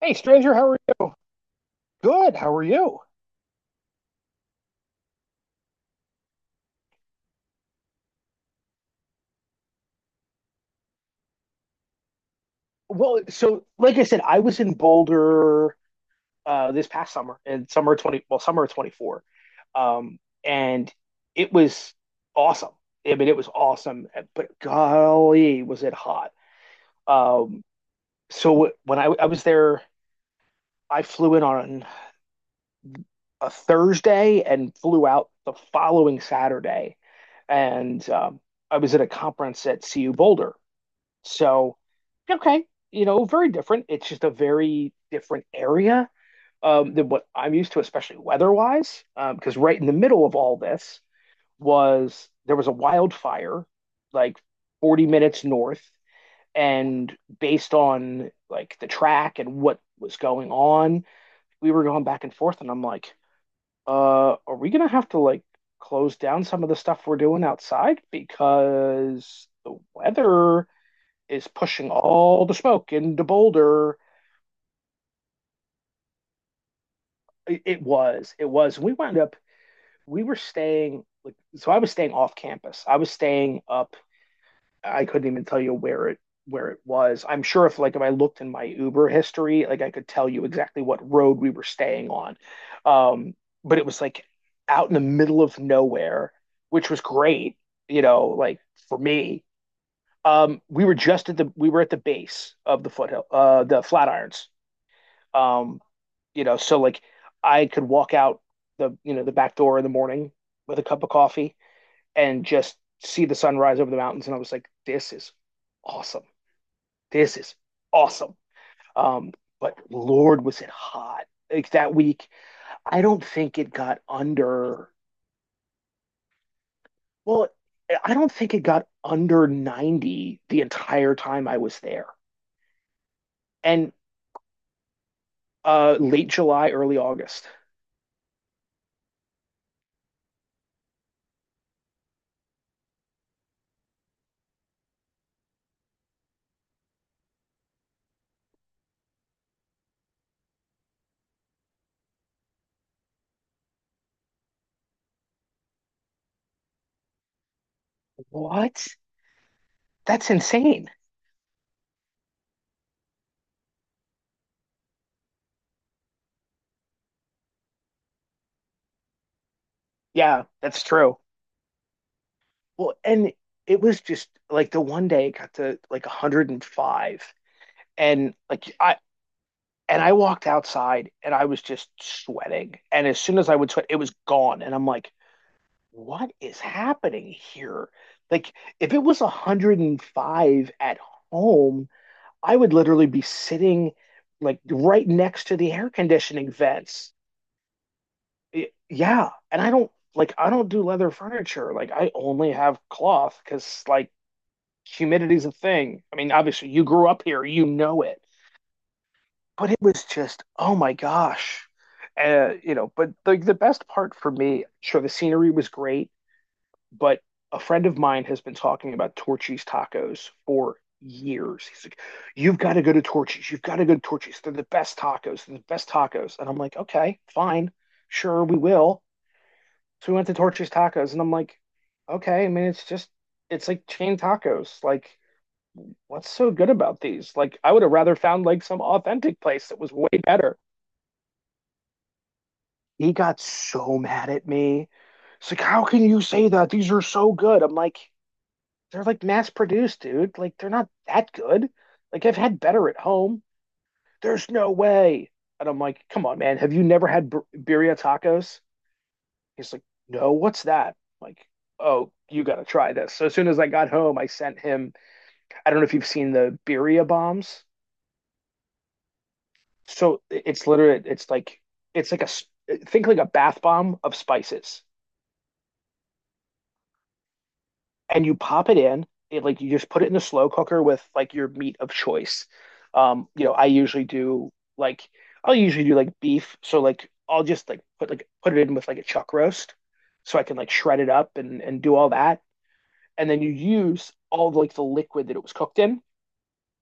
Hey, stranger, how are you? Good. How are you? Well, so like I said, I was in Boulder this past summer, and summer of twenty four, and it was awesome. I mean, it was awesome, but golly, was it hot! Um, so when I was there, I flew in on a Thursday and flew out the following Saturday, and I was at a conference at CU Boulder. So, okay, you know, very different. It's just a very different area than what I'm used to, especially weather-wise. Because right in the middle of all this was there was a wildfire, like 40 minutes north, and based on like the track and what was going on, we were going back and forth, and I'm like, are we gonna have to like close down some of the stuff we're doing outside because the weather is pushing all the smoke into Boulder. It was. We wound up, we were staying, like, so I was staying off campus. I was staying up. I couldn't even tell you where it was. I'm sure if like if I looked in my Uber history, like I could tell you exactly what road we were staying on. Um, but it was like out in the middle of nowhere, which was great, you know, like for me. Um, we were at the base of the foothill, the Flatirons. Um, you know, so like I could walk out the you know the back door in the morning with a cup of coffee and just see the sunrise over the mountains, and I was like, this is awesome. This is awesome. Um, but Lord, was it hot like that week? I don't think it got under. Well, I don't think it got under 90 the entire time I was there. And late July, early August. What? That's insane. Yeah, that's true. Well, and it was just like the one day it got to like 105, and like I and I walked outside and I was just sweating. And as soon as I would sweat, it was gone. And I'm like, what is happening here? Like if it was 105 at home, I would literally be sitting like right next to the air conditioning vents. Yeah, and I don't like I don't do leather furniture. Like I only have cloth because like humidity's a thing. I mean, obviously, you grew up here, you know it. But it was just, oh my gosh, you know. But the best part for me, sure, the scenery was great, but a friend of mine has been talking about Torchy's tacos for years. He's like, "You've got to go to Torchy's. You've got to go to Torchy's. They're the best tacos. They're the best tacos." And I'm like, "Okay, fine, sure, we will." So we went to Torchy's tacos, and I'm like, "Okay, I mean, it's just." It's like chain tacos. Like what's so good about these? Like, I would have rather found like some authentic place that was way better. He got so mad at me. It's like, how can you say that? These are so good. I'm like, they're like mass produced, dude. Like, they're not that good. Like, I've had better at home. There's no way. And I'm like, come on, man. Have you never had birria tacos? He's like, no, what's that? I'm like, oh, you got to try this. So as soon as I got home, I sent him, I don't know if you've seen the birria bombs. So it's literally it's like a think like a bath bomb of spices, and you pop it in. It like You just put it in the slow cooker with like your meat of choice. You know, like I'll usually do like beef. So like I'll just like put it in with like a chuck roast, so I can like shred it up and do all that. And then you use all like the liquid that it was cooked in.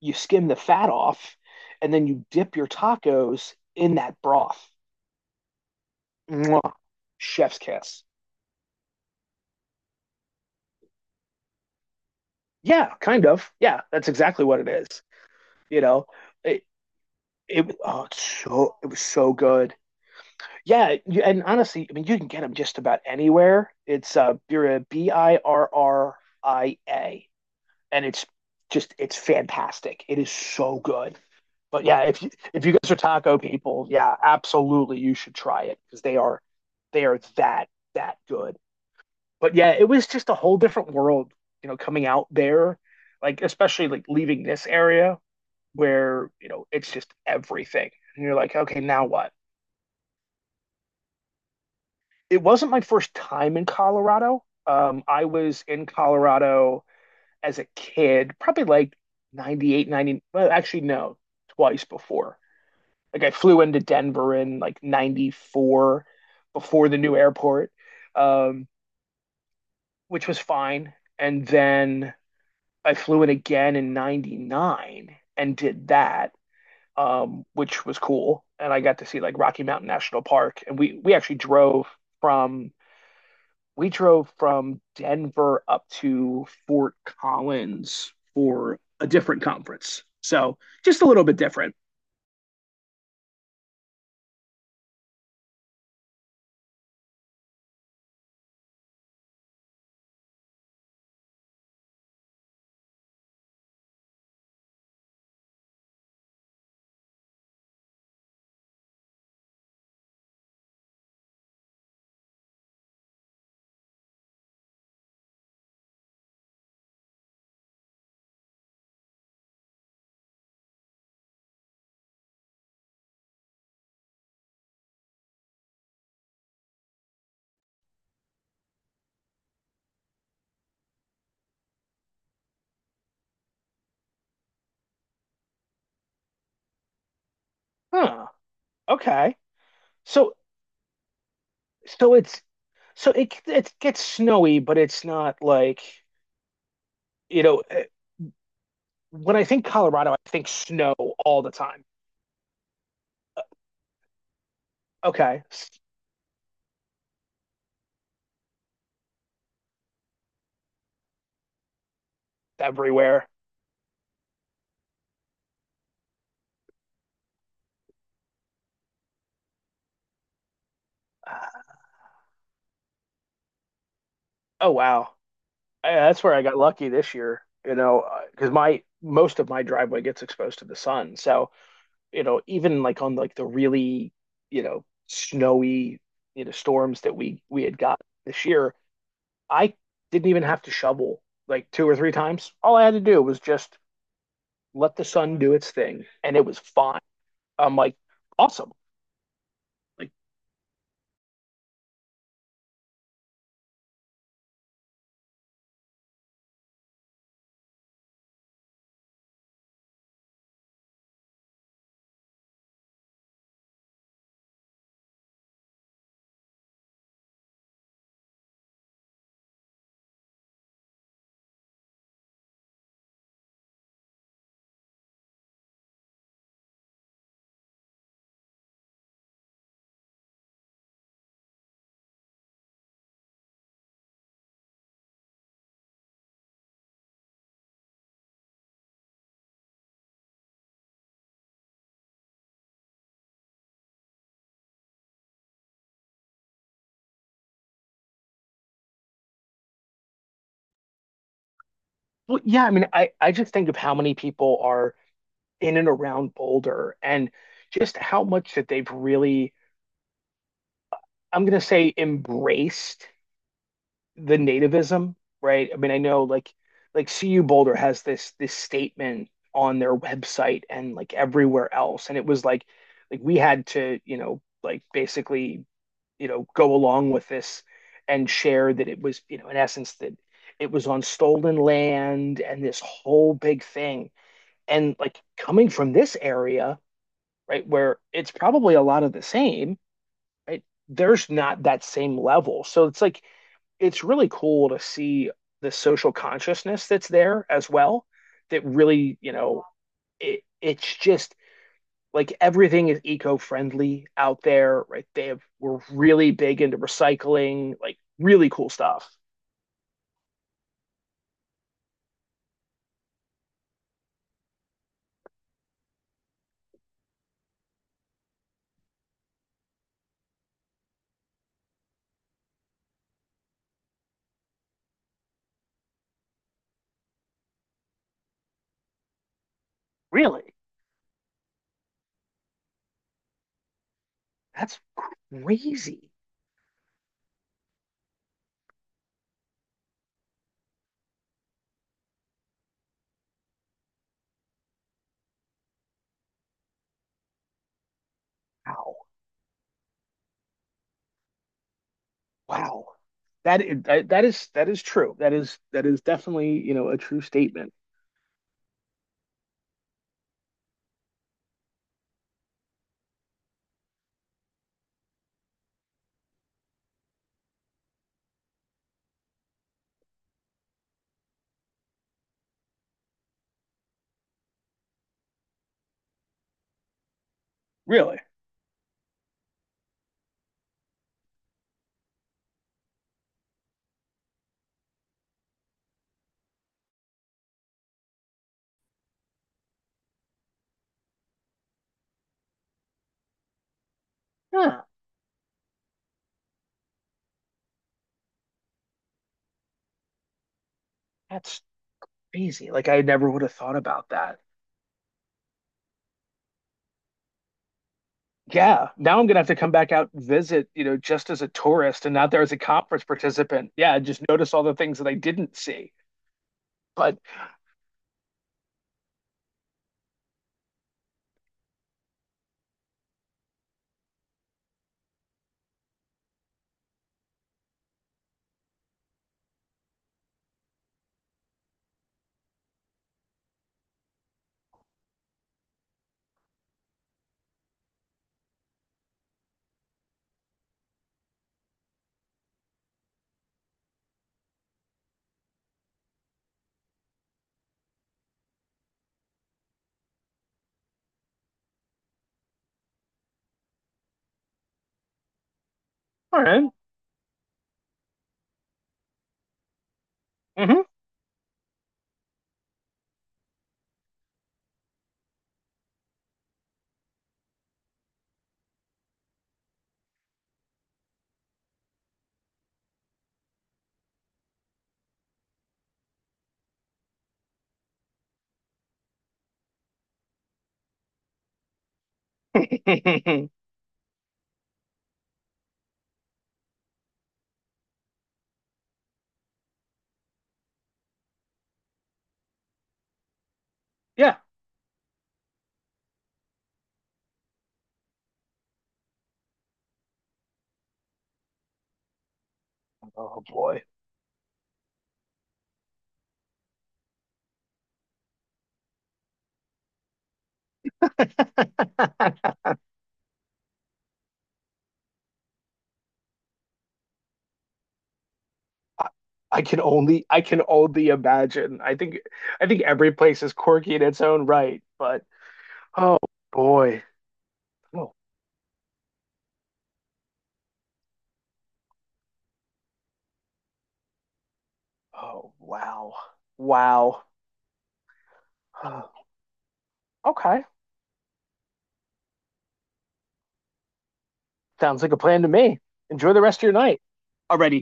You skim the fat off, and then you dip your tacos in that broth. Mwah. Chef's kiss. Yeah, kind of. Yeah, that's exactly what it is. You know, it it oh, it was so good. Yeah, you, and honestly, I mean, you can get them just about anywhere. It's Birria, Birria, and it's fantastic. It is so good. But yeah, if you guys are taco people, yeah, absolutely, you should try it because they are that good. But yeah, it was just a whole different world, you know, coming out there, like especially like leaving this area where, you know, it's just everything. And you're like, okay, now what? It wasn't my first time in Colorado. I was in Colorado as a kid, probably like 98, 90. Well, actually, no, twice before. Like I flew into Denver in like 94 before the new airport, um, which was fine. And then I flew it again in 99 and did that, which was cool. And I got to see like Rocky Mountain National Park. And we actually drove from we drove from Denver up to Fort Collins for a different conference. So just a little bit different. Huh. Okay. So so it's so it it gets snowy, but it's not like, you know, eh, when I think Colorado, I think snow all the time. Okay. Everywhere. Oh wow. Yeah, that's where I got lucky this year. You know, because my most of my driveway gets exposed to the sun, so you know, even like on like the really you know snowy you know storms that we had got this year, I didn't even have to shovel like two or three times. All I had to do was just let the sun do its thing, and it was fine. I'm like, awesome. Like, well, yeah. I mean, I just think of how many people are in and around Boulder and just how much that they've really I'm gonna say embraced the nativism, right? I mean, I know like CU Boulder has this statement on their website and like everywhere else, and it was like we had to, you know, like basically, you know, go along with this and share that it was, you know, in essence that it was on stolen land and this whole big thing. And like coming from this area, right, where it's probably a lot of the same, right? There's not that same level. So it's really cool to see the social consciousness that's there as well. That really, you know, it's just like everything is eco-friendly out there, right? They have we're really big into recycling, like really cool stuff. Really? That's crazy. Wow. Wow. That is true. That is definitely, you know, a true statement. Really? Huh. That's crazy. Like I never would have thought about that. Yeah. Now I'm gonna have to come back out and visit, you know, just as a tourist and not there as a conference participant. Yeah, just notice all the things that I didn't see. But all right. Mm-hmm. Yeah. Oh boy. I I can only imagine. I think every place is quirky in its own right, but oh boy. Oh, oh wow. Wow. Okay. Sounds like a plan to me. Enjoy the rest of your night. Alrighty.